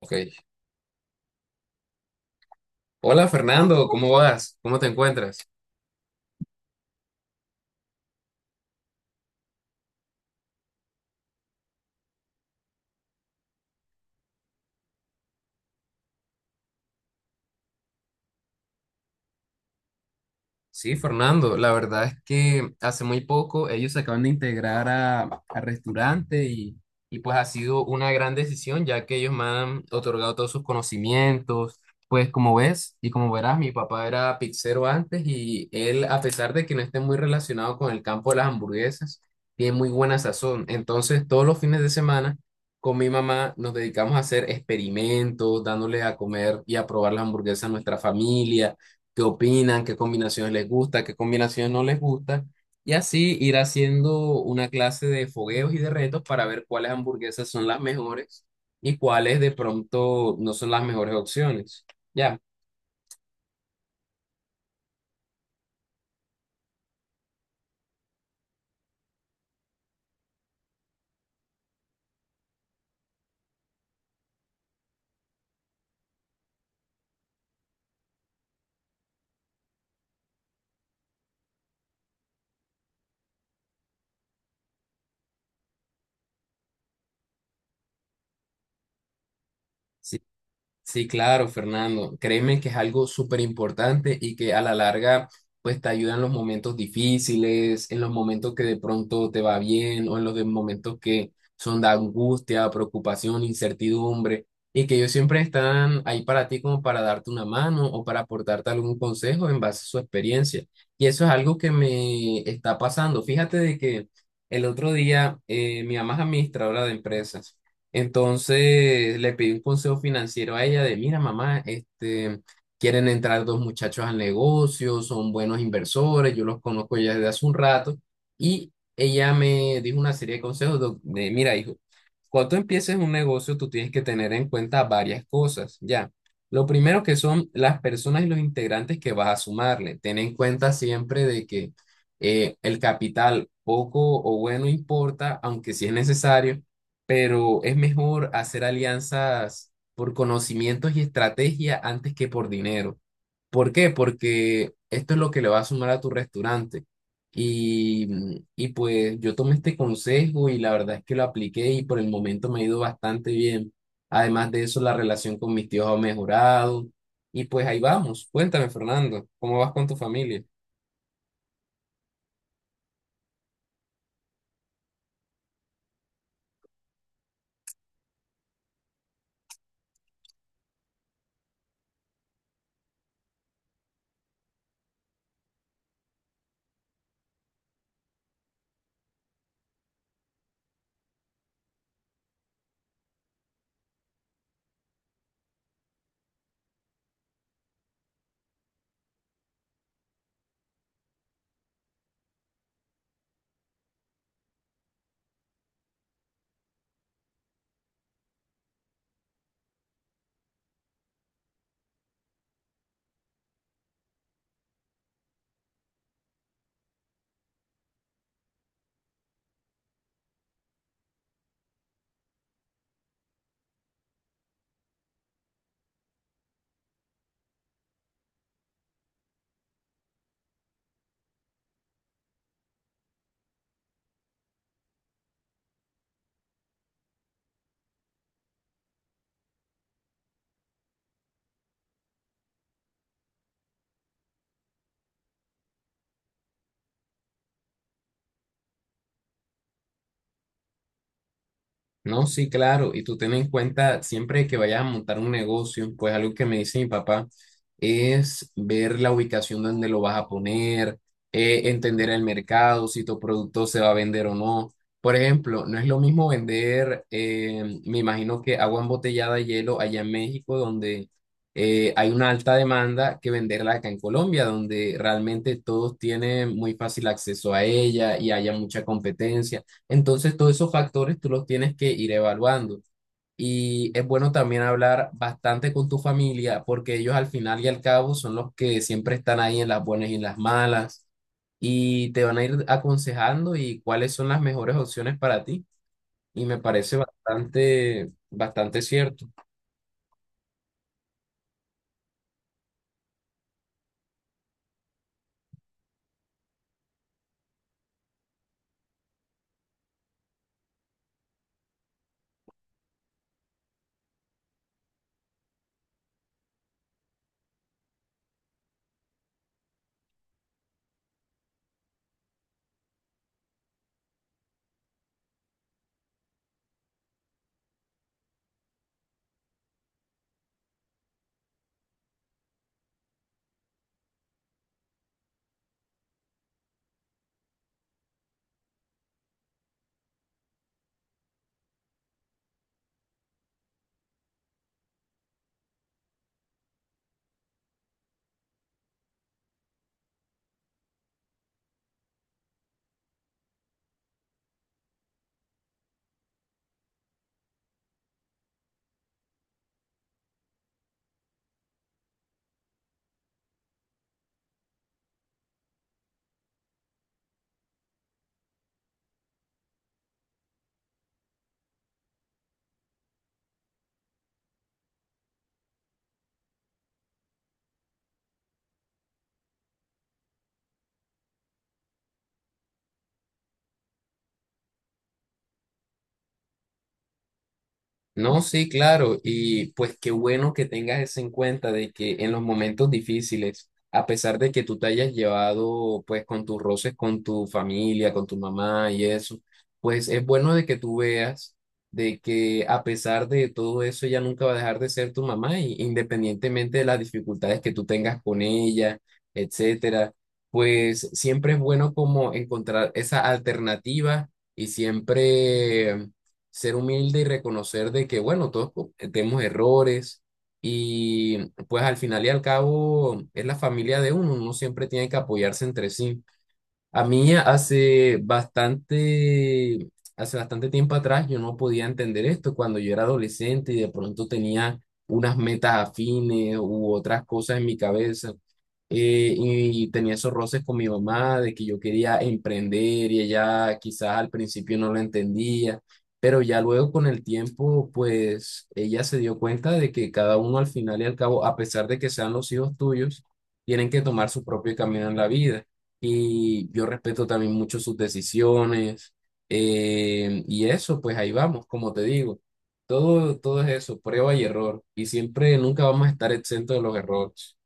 Ok. Hola Fernando, ¿cómo vas? ¿Cómo te encuentras? Sí, Fernando, la verdad es que hace muy poco ellos se acaban de integrar a restaurante y pues ha sido una gran decisión ya que ellos me han otorgado todos sus conocimientos. Pues como ves y como verás, mi papá era pizzero antes y él, a pesar de que no esté muy relacionado con el campo de las hamburguesas, tiene muy buena sazón. Entonces, todos los fines de semana con mi mamá nos dedicamos a hacer experimentos, dándole a comer y a probar las hamburguesas a nuestra familia qué opinan, qué combinaciones les gusta, qué combinaciones no les gusta, y así ir haciendo una clase de fogueos y de retos para ver cuáles hamburguesas son las mejores y cuáles de pronto no son las mejores opciones. Ya, si Sí, claro, Fernando. Créeme que es algo súper importante y que a la larga, pues te ayuda en los momentos difíciles, en los momentos que de pronto te va bien o en los de momentos que son de angustia, preocupación, incertidumbre y que ellos siempre están ahí para ti como para darte una mano o para aportarte algún consejo en base a su experiencia. Y eso es algo que me está pasando. Fíjate de que el otro día mi mamá es administradora de empresas. Entonces le pedí un consejo financiero a ella de, mira, mamá, este, quieren entrar dos muchachos al negocio, son buenos inversores, yo los conozco ya desde hace un rato. Y ella me dijo una serie de consejos de, mira, hijo, cuando tú empieces un negocio, tú tienes que tener en cuenta varias cosas, ya. Lo primero que son las personas y los integrantes que vas a sumarle. Ten en cuenta siempre de que el capital poco o bueno importa, aunque sí es necesario, pero es mejor hacer alianzas por conocimientos y estrategia antes que por dinero. ¿Por qué? Porque esto es lo que le va a sumar a tu restaurante. Y, y pues yo tomé este consejo y la verdad es que lo apliqué y por el momento me ha ido bastante bien. Además de eso, la relación con mis tíos ha mejorado. Y pues ahí vamos. Cuéntame, Fernando, ¿cómo vas con tu familia? No, sí, claro, y tú ten en cuenta, siempre que vayas a montar un negocio, pues algo que me dice mi papá es ver la ubicación donde lo vas a poner, entender el mercado, si tu producto se va a vender o no. Por ejemplo, no es lo mismo vender, me imagino que agua embotellada de hielo allá en México, donde hay una alta demanda, que venderla acá en Colombia, donde realmente todos tienen muy fácil acceso a ella y haya mucha competencia. Entonces, todos esos factores tú los tienes que ir evaluando. Y es bueno también hablar bastante con tu familia, porque ellos al final y al cabo son los que siempre están ahí en las buenas y en las malas, y te van a ir aconsejando y cuáles son las mejores opciones para ti. Y me parece bastante, bastante cierto. No, sí, claro, y pues qué bueno que tengas eso en cuenta de que en los momentos difíciles, a pesar de que tú te hayas llevado pues con tus roces con tu familia, con tu mamá y eso, pues es bueno de que tú veas de que a pesar de todo eso ella nunca va a dejar de ser tu mamá, y independientemente de las dificultades que tú tengas con ella, etcétera, pues siempre es bueno como encontrar esa alternativa y siempre ser humilde y reconocer de que, bueno, todos tenemos errores y pues al final y al cabo es la familia de uno, uno siempre tiene que apoyarse entre sí. A mí hace bastante tiempo atrás yo no podía entender esto cuando yo era adolescente y de pronto tenía unas metas afines u otras cosas en mi cabeza. Y tenía esos roces con mi mamá de que yo quería emprender y ella quizás al principio no lo entendía, pero ya luego con el tiempo, pues ella se dio cuenta de que cada uno al final y al cabo, a pesar de que sean los hijos tuyos, tienen que tomar su propio camino en la vida y yo respeto también mucho sus decisiones. Y eso, pues ahí vamos, como te digo, todo, todo es eso, prueba y error. Y siempre, nunca vamos a estar exentos de los errores.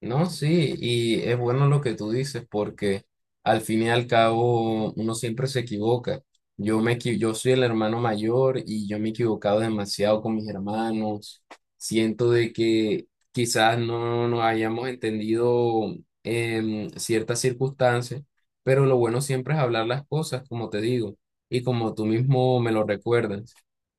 No, sí, y es bueno lo que tú dices porque al fin y al cabo uno siempre se equivoca. Yo me yo soy el hermano mayor y yo me he equivocado demasiado con mis hermanos. Siento de que quizás no nos hayamos entendido en ciertas circunstancias, pero lo bueno siempre es hablar las cosas, como te digo, y como tú mismo me lo recuerdas,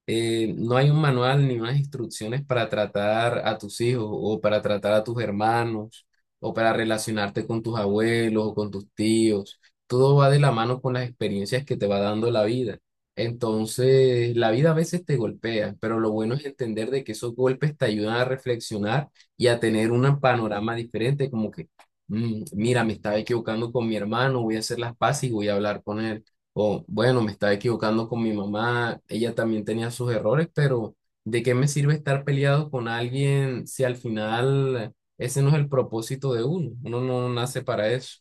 no hay un manual ni unas instrucciones para tratar a tus hijos o para tratar a tus hermanos o para relacionarte con tus abuelos o con tus tíos. Todo va de la mano con las experiencias que te va dando la vida. Entonces, la vida a veces te golpea, pero lo bueno es entender de que esos golpes te ayudan a reflexionar y a tener un panorama diferente, como que, Mira, me estaba equivocando con mi hermano, voy a hacer las paces y voy a hablar con él, o bueno, me estaba equivocando con mi mamá, ella también tenía sus errores, pero ¿de qué me sirve estar peleado con alguien si al final ese no es el propósito de uno? Uno no nace para eso."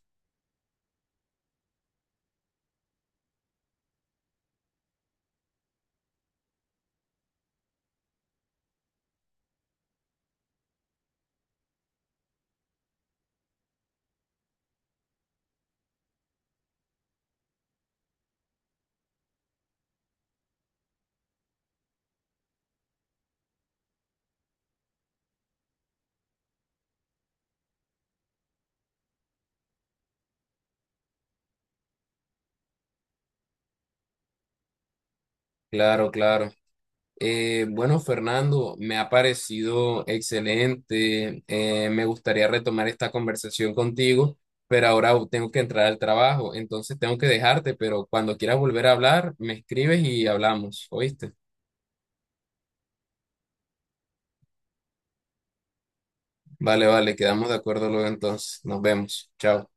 Claro, claro. Bueno, Fernando, me ha parecido excelente. Me gustaría retomar esta conversación contigo, pero ahora tengo que entrar al trabajo, entonces tengo que dejarte, pero cuando quieras volver a hablar, me escribes y hablamos, ¿oíste? Vale, vale, quedamos de acuerdo luego entonces. Nos vemos. Chao.